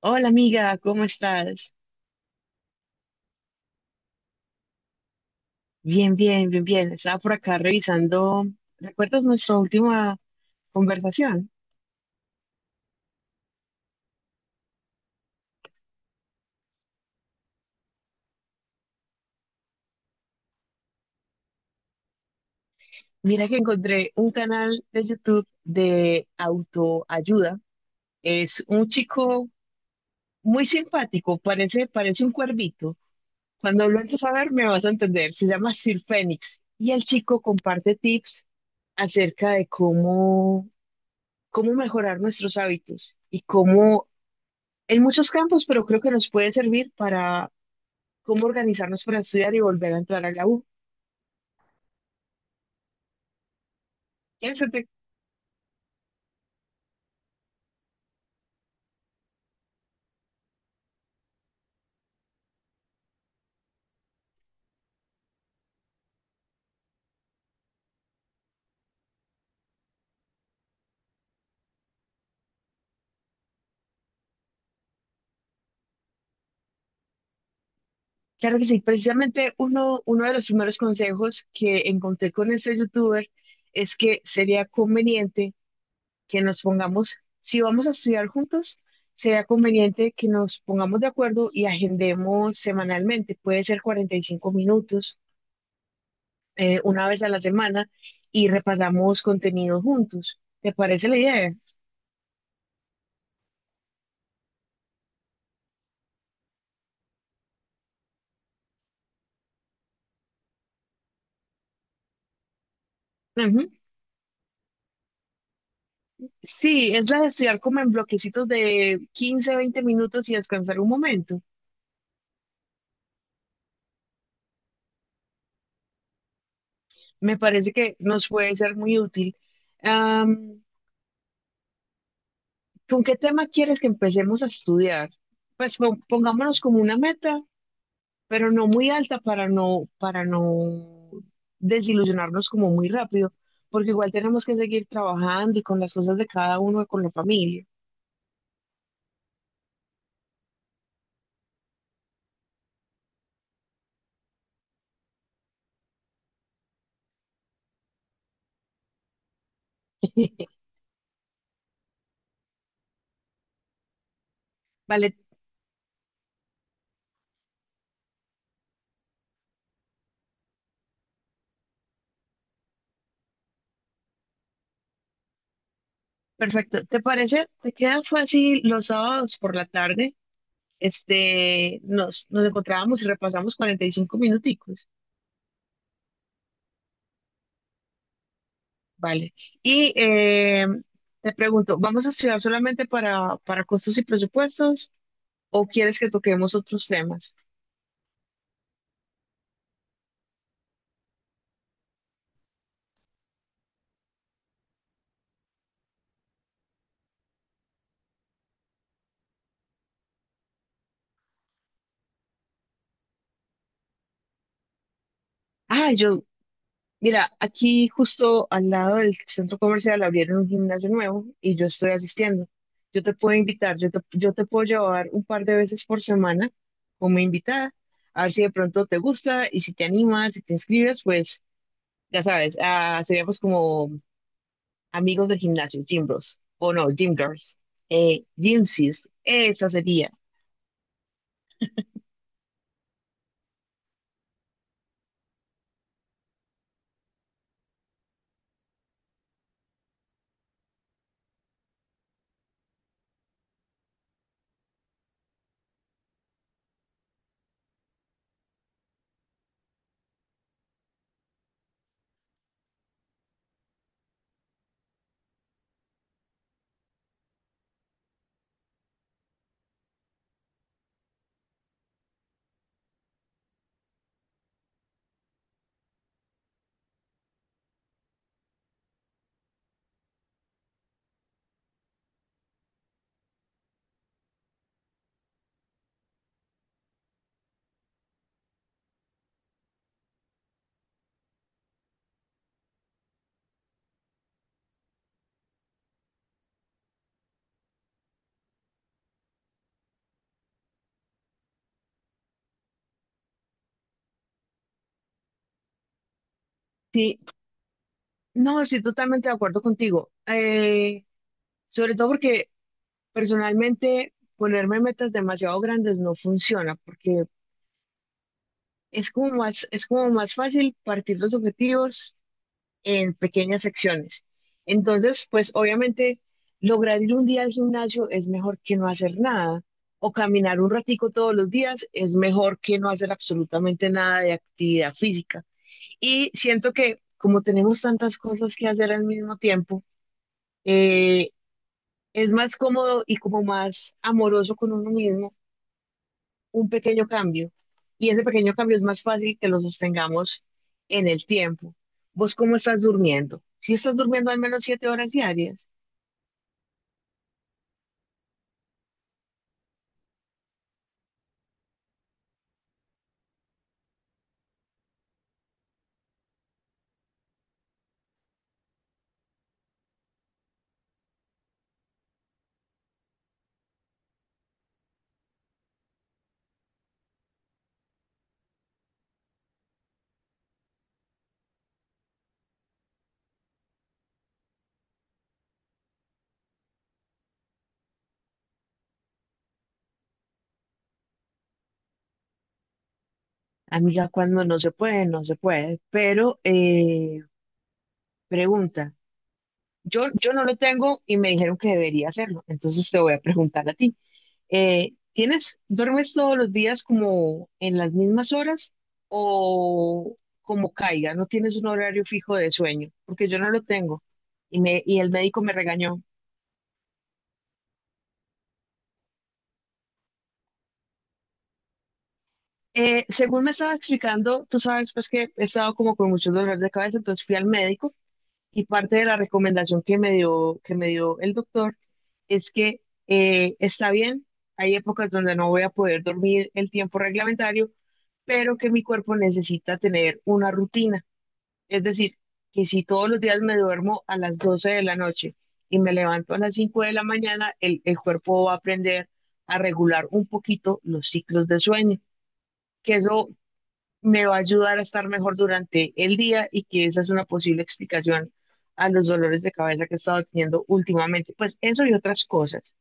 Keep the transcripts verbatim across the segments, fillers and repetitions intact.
Hola amiga, ¿cómo estás? Bien, bien, bien, bien. Estaba por acá revisando. ¿Recuerdas nuestra última conversación? Mira que encontré un canal de YouTube de autoayuda. Es un chico muy simpático, parece, parece un cuervito. Cuando lo empieces a ver me vas a entender. Se llama Sir Fénix y el chico comparte tips acerca de cómo, cómo mejorar nuestros hábitos y cómo en muchos campos, pero creo que nos puede servir para cómo organizarnos para estudiar y volver a entrar a la U. Piénsate. Claro que sí, precisamente uno, uno de los primeros consejos que encontré con este youtuber es que sería conveniente que nos pongamos, si vamos a estudiar juntos, sería conveniente que nos pongamos de acuerdo y agendemos semanalmente, puede ser cuarenta y cinco minutos, eh, una vez a la semana, y repasamos contenido juntos. ¿Te parece la idea? Ujú. Sí, es la de estudiar como en bloquecitos de quince, veinte minutos y descansar un momento. Me parece que nos puede ser muy útil. Am, ¿con qué tema quieres que empecemos a estudiar? Pues po- pongámonos como una meta, pero no muy alta para no, para no desilusionarnos como muy rápido, porque igual tenemos que seguir trabajando y con las cosas de cada uno, con la familia. Vale, perfecto. ¿Te parece? ¿Te queda fácil los sábados por la tarde? este, nos, nos encontrábamos y repasamos cuarenta y cinco minuticos, ¿vale? Y eh, te pregunto, ¿vamos a estudiar solamente para, para costos y presupuestos o quieres que toquemos otros temas? Ah, yo, mira, aquí justo al lado del centro comercial abrieron un gimnasio nuevo y yo estoy asistiendo. Yo te puedo invitar, yo te, yo te puedo llevar un par de veces por semana como invitada, a ver si de pronto te gusta y si te animas, si te inscribes, pues ya sabes, ah, seríamos como amigos del gimnasio, gym bros. O no, gym girls. Eh, gym sis, esa sería. Sí, no, estoy totalmente de acuerdo contigo. Eh, sobre todo porque personalmente ponerme metas demasiado grandes no funciona porque es como más, es como más fácil partir los objetivos en pequeñas secciones. Entonces, pues obviamente lograr ir un día al gimnasio es mejor que no hacer nada, o caminar un ratico todos los días es mejor que no hacer absolutamente nada de actividad física. Y siento que como tenemos tantas cosas que hacer al mismo tiempo, eh, es más cómodo y como más amoroso con uno mismo un pequeño cambio y ese pequeño cambio es más fácil que lo sostengamos en el tiempo. ¿Vos cómo estás durmiendo? Si estás durmiendo al menos siete horas diarias, amiga, cuando no se puede, no se puede. Pero eh, pregunta, yo, yo no lo tengo y me dijeron que debería hacerlo, entonces te voy a preguntar a ti. Eh, ¿tienes, duermes todos los días como en las mismas horas o como caiga? ¿No tienes un horario fijo de sueño? Porque yo no lo tengo y, me, y el médico me regañó. Eh, según me estaba explicando, tú sabes pues que he estado como con muchos dolores de cabeza, entonces fui al médico y parte de la recomendación que me dio, que me dio el doctor es que eh, está bien, hay épocas donde no voy a poder dormir el tiempo reglamentario, pero que mi cuerpo necesita tener una rutina. Es decir, que si todos los días me duermo a las doce de la noche y me levanto a las cinco de la mañana, el, el cuerpo va a aprender a regular un poquito los ciclos de sueño, que eso me va a ayudar a estar mejor durante el día y que esa es una posible explicación a los dolores de cabeza que he estado teniendo últimamente. Pues eso y otras cosas.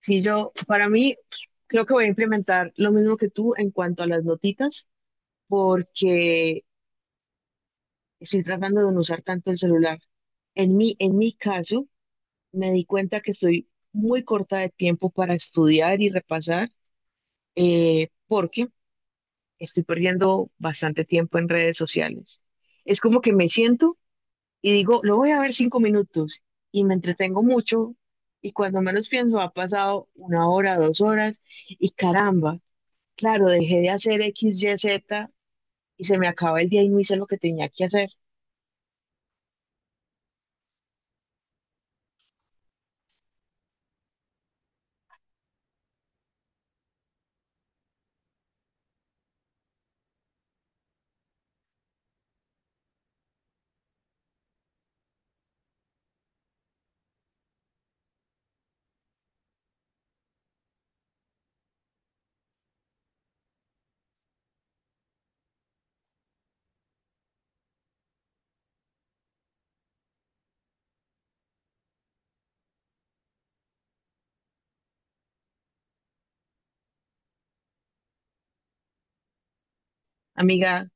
Si yo, para mí, creo que voy a implementar lo mismo que tú en cuanto a las notitas, porque estoy tratando de no usar tanto el celular. En mi, en mi caso, me di cuenta que estoy muy corta de tiempo para estudiar y repasar, eh, porque estoy perdiendo bastante tiempo en redes sociales. Es como que me siento y digo, lo voy a ver cinco minutos y me entretengo mucho y cuando menos pienso ha pasado una hora, dos horas y caramba, claro, dejé de hacer X, Y, Z y se me acaba el día y no hice lo que tenía que hacer. Amiga,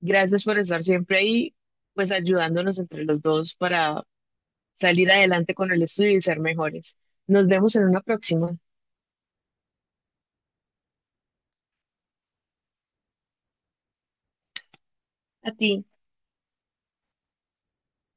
gracias por estar siempre ahí, pues ayudándonos entre los dos para salir adelante con el estudio y ser mejores. Nos vemos en una próxima. A ti.